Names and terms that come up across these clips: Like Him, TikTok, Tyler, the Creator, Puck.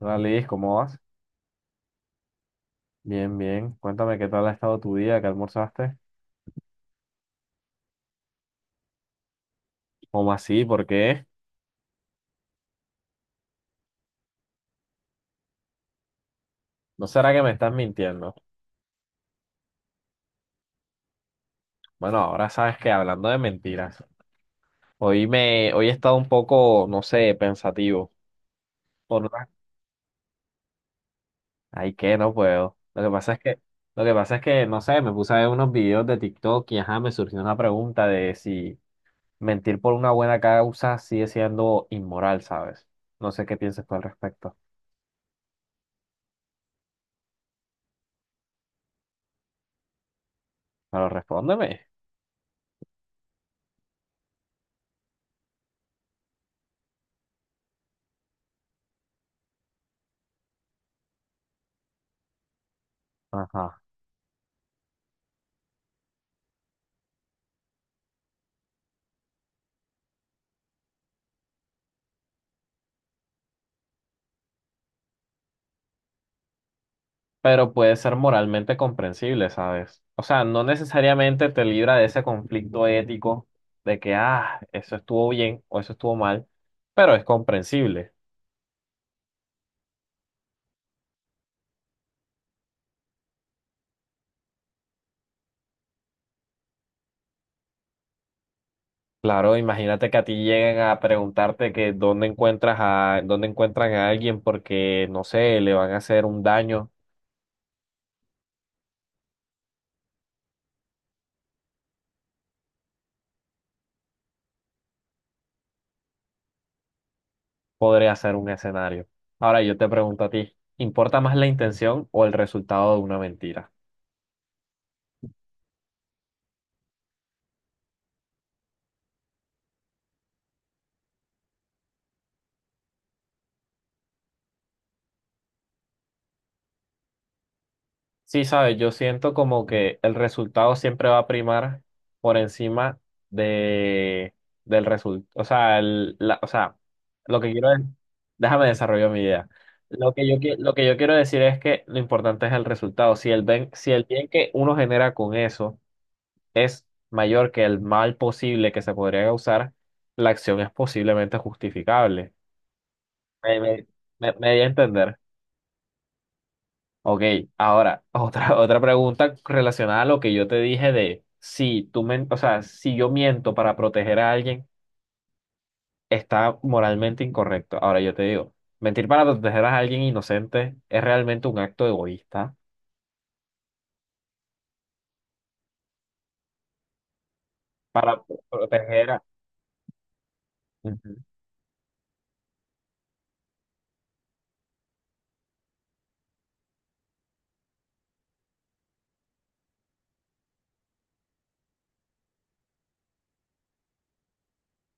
Hola Liz, ¿cómo vas? Bien, bien. Cuéntame qué tal ha estado tu día, qué almorzaste. ¿Cómo así? ¿Por qué? ¿No será que me estás mintiendo? Bueno, ahora sabes que hablando de mentiras, hoy he estado un poco, no sé, pensativo. Por una- Ay, que no puedo. Lo que pasa es que, no sé, me puse a ver unos videos de TikTok y ajá, me surgió una pregunta de si mentir por una buena causa sigue siendo inmoral, ¿sabes? No sé qué piensas tú al respecto. Pero respóndeme. Ajá. Pero puede ser moralmente comprensible, ¿sabes? O sea, no necesariamente te libra de ese conflicto ético de que, ah, eso estuvo bien o eso estuvo mal, pero es comprensible. Claro, imagínate que a ti lleguen a preguntarte que dónde encuentran a alguien porque, no sé, le van a hacer un daño, podría ser un escenario. Ahora yo te pregunto a ti, ¿importa más la intención o el resultado de una mentira? Sí, sabes, yo siento como que el resultado siempre va a primar por encima de, del resultado. O sea, el- la- o sea, lo que quiero es, déjame desarrollar mi idea. Lo que yo quiero decir es que lo importante es el resultado. Si el ben- si el bien que uno genera con eso mayor que el mal posible que se podría causar, la acción es posiblemente justificable. Me, me, me di a entender. Ok, ahora, otra pregunta relacionada a lo que yo te dije de si tú men- o sea, si yo miento para proteger a alguien, está moralmente incorrecto. Ahora yo te digo, mentir para proteger a alguien inocente es realmente un acto egoísta para pro- proteger a... Ujú.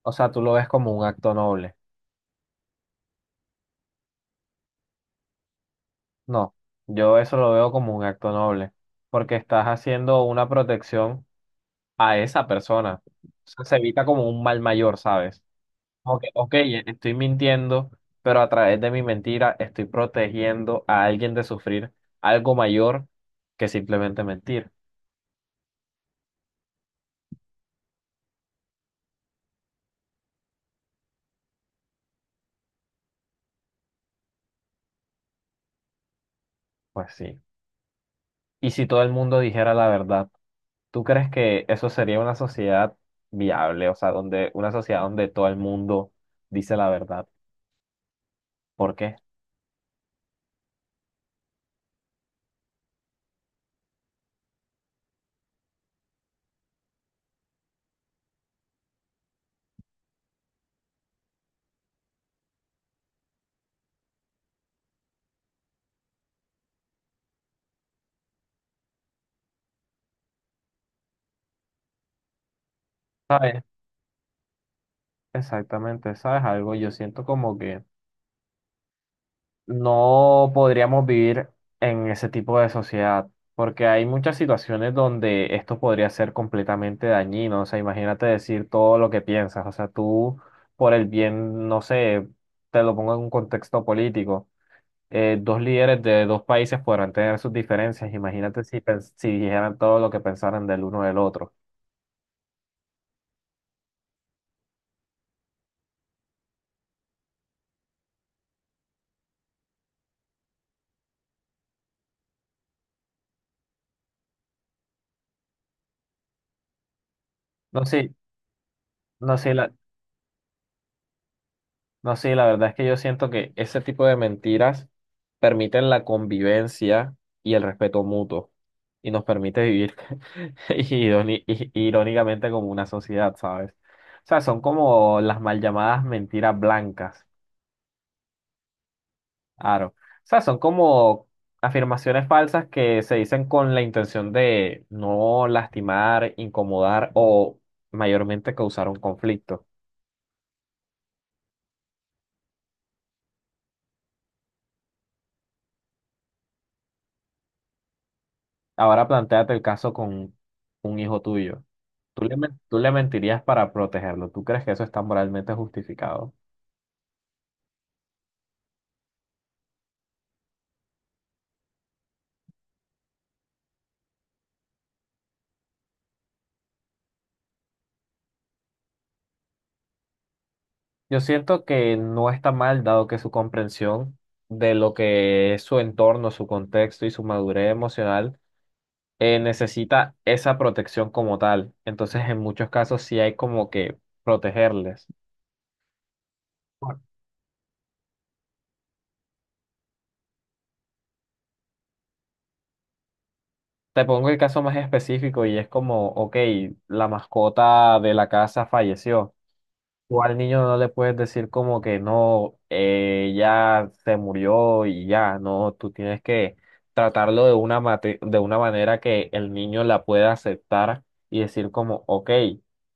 O sea, tú lo ves como un acto noble. No, yo eso lo veo como un acto noble, porque estás haciendo una protección a esa persona. O sea, se evita como un mal mayor, ¿sabes? Ok, ok, estoy mintiendo, pero a través de mi mentira estoy protegiendo a alguien de sufrir algo mayor que simplemente mentir. Pues sí. Y si todo el mundo dijera la verdad, ¿tú crees que eso sería una sociedad viable? O sea, donde una sociedad donde todo el mundo dice la verdad. ¿Por qué? ¿Sabes? Exactamente, ¿sabes algo? Yo siento como que no podríamos vivir en ese tipo de sociedad, porque hay muchas situaciones donde esto podría ser completamente dañino. O sea, imagínate decir todo lo que piensas. O sea, tú, por el bien, no sé, te lo pongo en un contexto político. Eh, dos líderes de dos países podrán tener sus diferencias. Imagínate si, pens- si dijeran todo lo que pensaran del uno del otro. No, sí, no, sé. No, sí, la verdad es que yo siento que ese tipo de mentiras permiten la convivencia y el respeto mutuo y nos permite vivir iróni- i- irónicamente como una sociedad, ¿sabes? O sea, son como las mal llamadas mentiras blancas, claro. O sea, son como afirmaciones falsas que se dicen con la intención de no lastimar, incomodar o mayormente causar un conflicto. Ahora plantéate el caso con un hijo tuyo. ¿Tú le, men- tú le mentirías para protegerlo? ¿Tú crees que eso está moralmente justificado? Yo siento que no está mal, dado que su comprensión de lo que es su entorno, su contexto y su madurez emocional necesita esa protección como tal. Entonces, en muchos casos sí hay como que protegerles. Bueno. Te pongo el caso más específico y es como, ok, la mascota de la casa falleció. Tú al niño no le puedes decir como que no, ya se murió y ya, no, tú tienes que tratarlo de una, mate- de una manera que el niño la pueda aceptar y decir como, ok,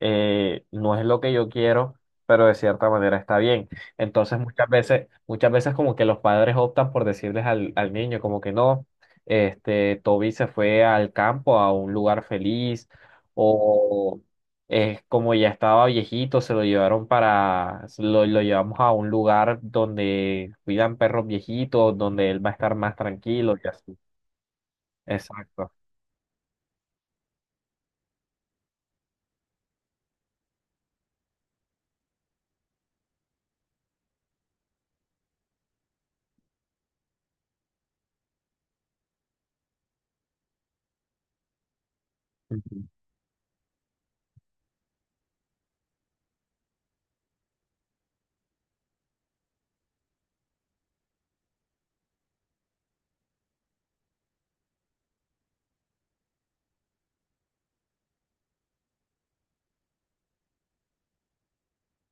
no es lo que yo quiero, pero de cierta manera está bien. Entonces muchas veces como que los padres optan por decirles al niño como que no, este, Toby se fue al campo, a un lugar feliz. Mm. O, como ya estaba viejito, se lo llevaron para, se lo llevamos a un lugar donde cuidan perros viejitos, donde él va a estar más tranquilo y así. Exacto.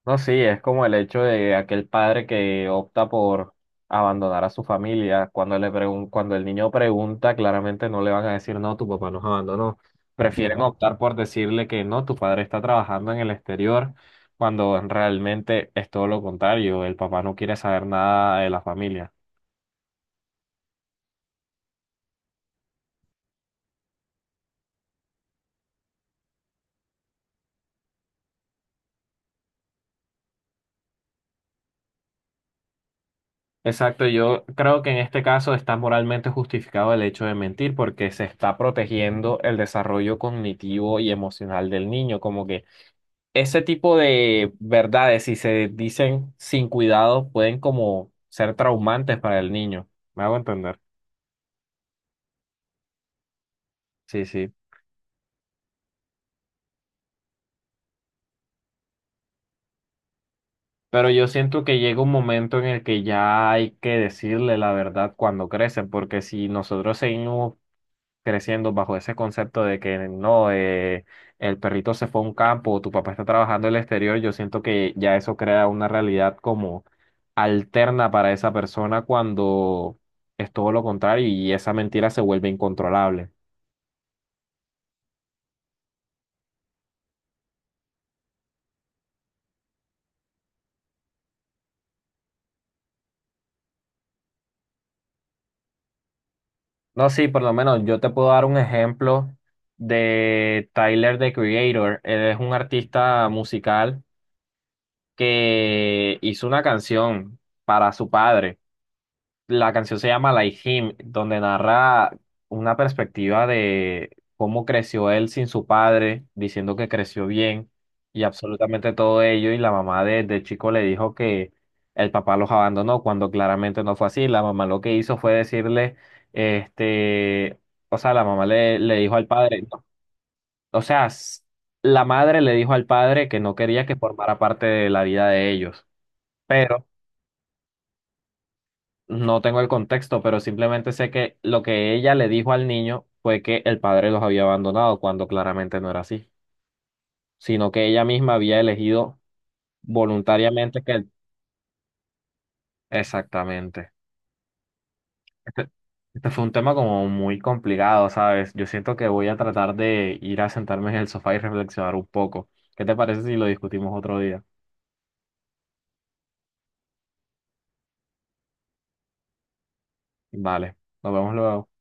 No, sí, es como el hecho de aquel padre que opta por abandonar a su familia. Cuando el niño pregunta, claramente no le van a decir, no, tu papá nos abandonó. Prefieren optar por decirle que no, tu padre está trabajando en el exterior, cuando realmente es todo lo contrario. El papá no quiere saber nada de la familia. Exacto, yo creo que en este caso está moralmente justificado el hecho de mentir porque se está protegiendo el desarrollo cognitivo y emocional del niño, como que ese tipo de verdades, si se dicen sin cuidado, pueden como ser traumantes para el niño. Me hago entender. Sí, sí. Pero yo siento que llega un momento en el que ya hay que decirle la verdad cuando crecen, porque si nosotros seguimos creciendo bajo ese concepto de que no, el perrito se fue a un campo, tu papá está trabajando en el exterior, yo siento que ya eso crea una realidad como alterna para esa persona cuando es todo lo contrario y esa mentira se vuelve incontrolable. No, sí, por lo menos yo te puedo dar un ejemplo de Tyler, the Creator. Él es un artista musical que hizo una canción para su padre. La canción se llama Like Him, donde narra una perspectiva de cómo creció él sin su padre, diciendo que creció bien y absolutamente todo ello. Y la mamá desde chico le dijo que el papá los abandonó, cuando claramente no fue así. La mamá lo que hizo fue decirle, este, o sea, le dijo al padre, no, o sea, s- la madre le dijo al padre que no quería que formara parte de la vida de ellos. Pero no tengo el contexto, pero simplemente sé que lo que ella le dijo al niño fue que el padre los había abandonado, cuando claramente no era así, sino que ella misma había elegido voluntariamente que... el- Exactamente. Este, este fue un tema como muy complicado, ¿sabes? Yo siento que voy a tratar de ir a sentarme en el sofá y reflexionar un poco. ¿Qué te parece si lo discutimos otro día? Vale, nos vemos luego.